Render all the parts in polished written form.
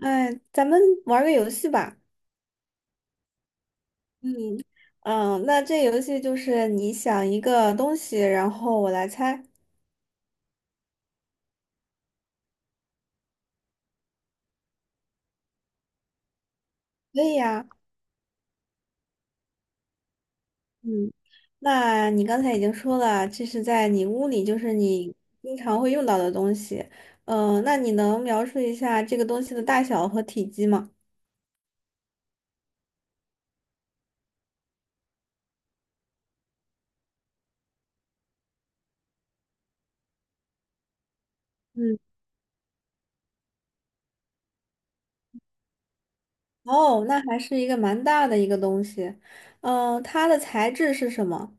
哎，咱们玩儿个游戏吧。嗯，那这游戏就是你想一个东西，然后我来猜。可以呀。嗯，那你刚才已经说了，这是在你屋里，就是你经常会用到的东西。嗯，那你能描述一下这个东西的大小和体积吗？嗯，哦，那还是一个蛮大的一个东西。嗯，它的材质是什么？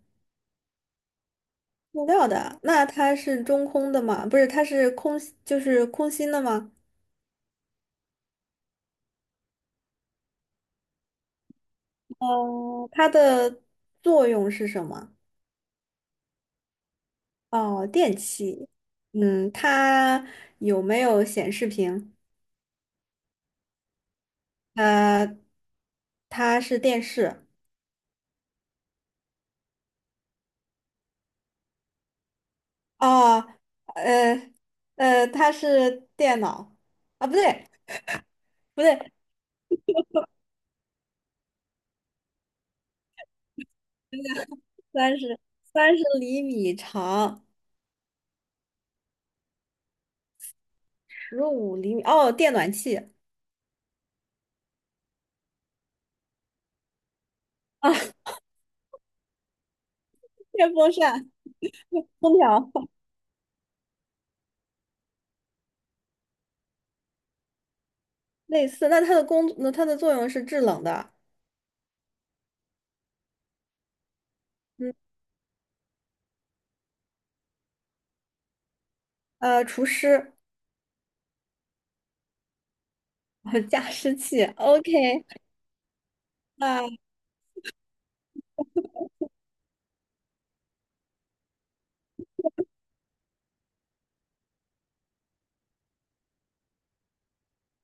塑料的。那它是中空的吗？不是，它是空，就是空心的吗？嗯，它的作用是什么？哦，电器。嗯，它有没有显示屏？呃，它是电视。哦，呃，它是电脑。啊，不对，不对，三十三十厘米长，15厘米。哦，电暖气啊，电风扇、空调类似。那它的工，那它的作用是制冷的。嗯，呃，除湿、加湿器。OK。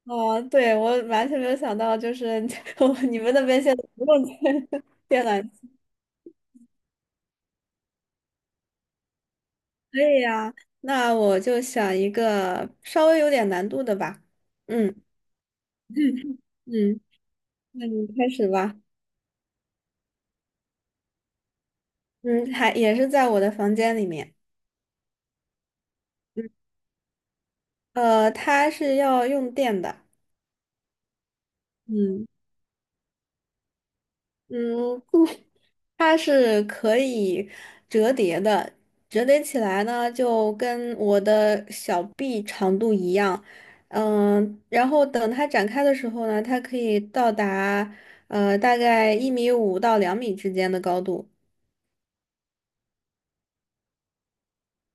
哦，对，我完全没有想到，就是 我你们那边现在不用电 电缆。可以呀，那我就想一个稍微有点难度的吧。嗯嗯，那你开始吧。嗯，还也是在我的房间里面。嗯，呃，它是要用电的。嗯。嗯，不，它是可以折叠的，折叠起来呢就跟我的小臂长度一样，嗯，然后等它展开的时候呢，它可以到达呃大概1米5到两米之间的高度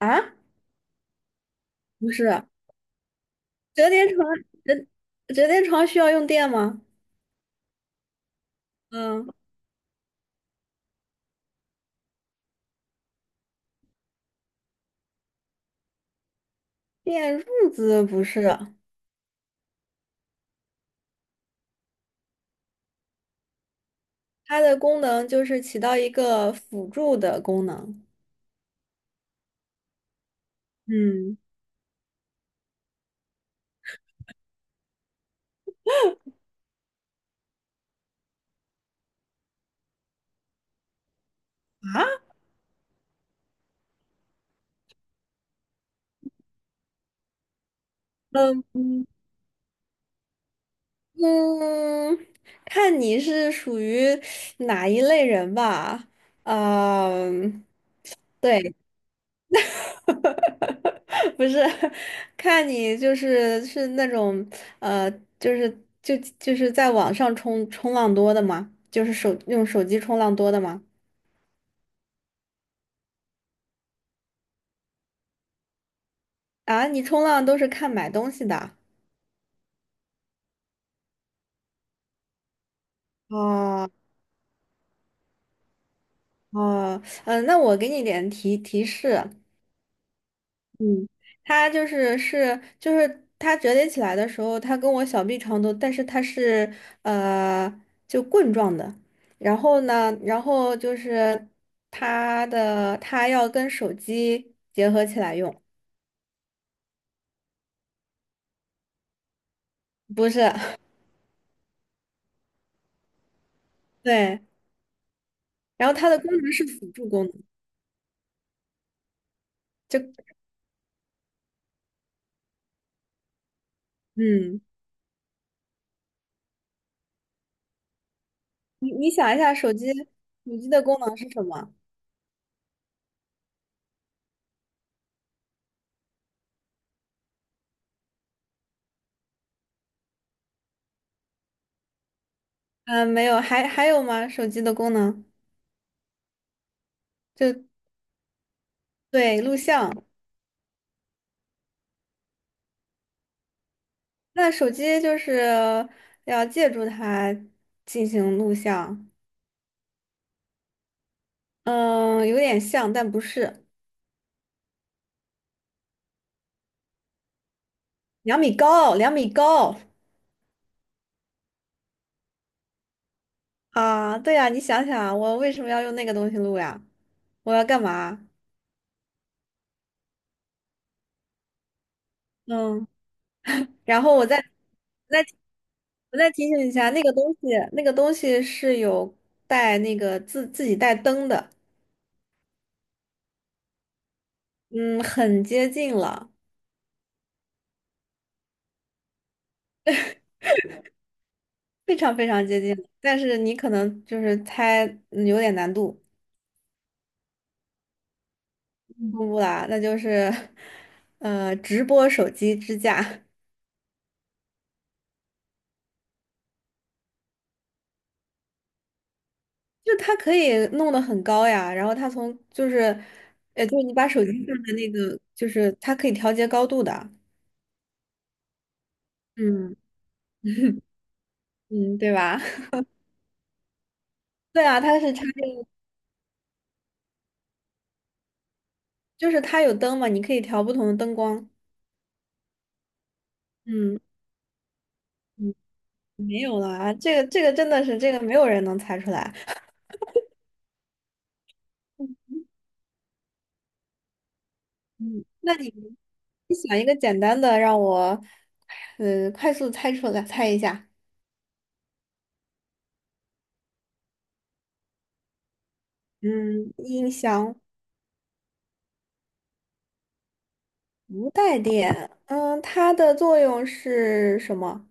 啊，不是，折叠床折折叠床需要用电吗？嗯，电褥子不是，它的功能就是起到一个辅助的功能。嗯。啊。嗯，嗯，看你是属于哪一类人吧。嗯，对。不是，看你就是是那种呃，就是就是在网上冲浪多的吗？就是手用手机冲浪多的吗？啊，你冲浪都是看买东西的。哦哦，嗯，那我给你点提示，嗯，它就是是就是它折叠起来的时候，它跟我小臂长度，但是它是呃就棍状的。然后呢，然后就是它的它要跟手机结合起来用，不是。对。然后它的功能是辅助功能，就嗯，你你想一下，手机的功能是什么？嗯、没有，还还有吗？手机的功能就对录像。那手机就是要借助它进行录像，嗯，有点像，但不是。两米高，两米高啊！对呀，你想想啊，我为什么要用那个东西录呀？我要干嘛？嗯，然后我再我再提醒一下，那个东西，那个东西是有带那个自己带灯的，嗯，很接近了，非常非常接近了但是你可能就是猜，嗯有点难度。不不啦，那就是，呃，直播手机支架，就它可以弄得很高呀。然后它从就是，呃，就是你把手机放在那个，就是它可以调节高度的。嗯 嗯，对吧？对啊，它是插这个，就是它有灯嘛，你可以调不同的灯光。嗯嗯，没有啦，这个这个真的是这个没有人能猜出来。嗯，那你你想一个简单的，让我，呃，快速猜出来，猜一下。嗯，音箱。无带电，嗯，它的作用是什么？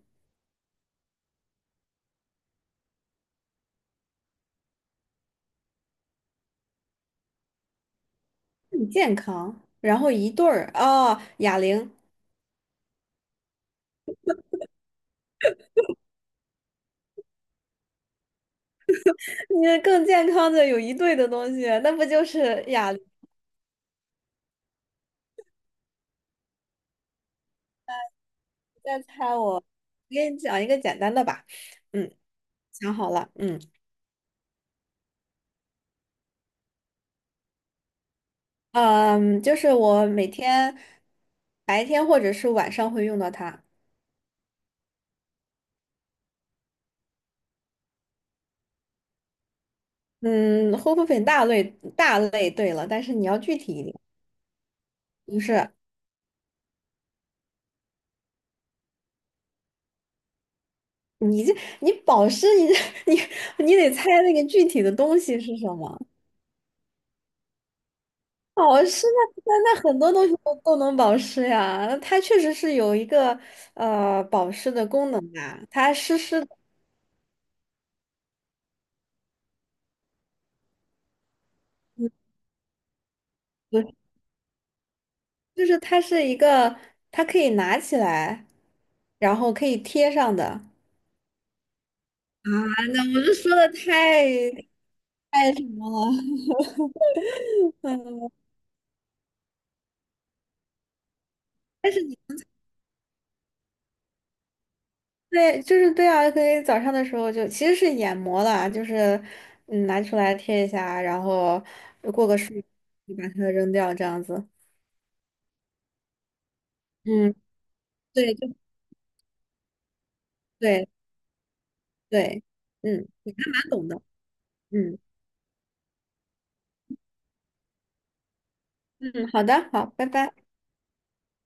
更健康，然后一对儿哦，哑铃。你这更健康的有一对的东西，那不就是哑铃？再猜我，我给你讲一个简单的吧，嗯，想好了，嗯，就是我每天白天或者是晚上会用到它，嗯，护肤品大类，对了，但是你要具体一点，就是。你这你保湿，你这 你你得猜那个具体的东西是什么。保湿那很多东西都能保湿呀，它确实是有一个呃保湿的功能啊，它湿湿的，嗯不是就是它是一个，它可以拿起来，然后可以贴上的。啊，那我这说的太太什么了？但嗯。对，就是对啊，可以早上的时候就其实是眼膜啦，就是嗯拿出来贴一下，然后过个数，你把它扔掉这样子。嗯，对，就对对，嗯，你还蛮懂的。嗯嗯，好的，好，拜拜。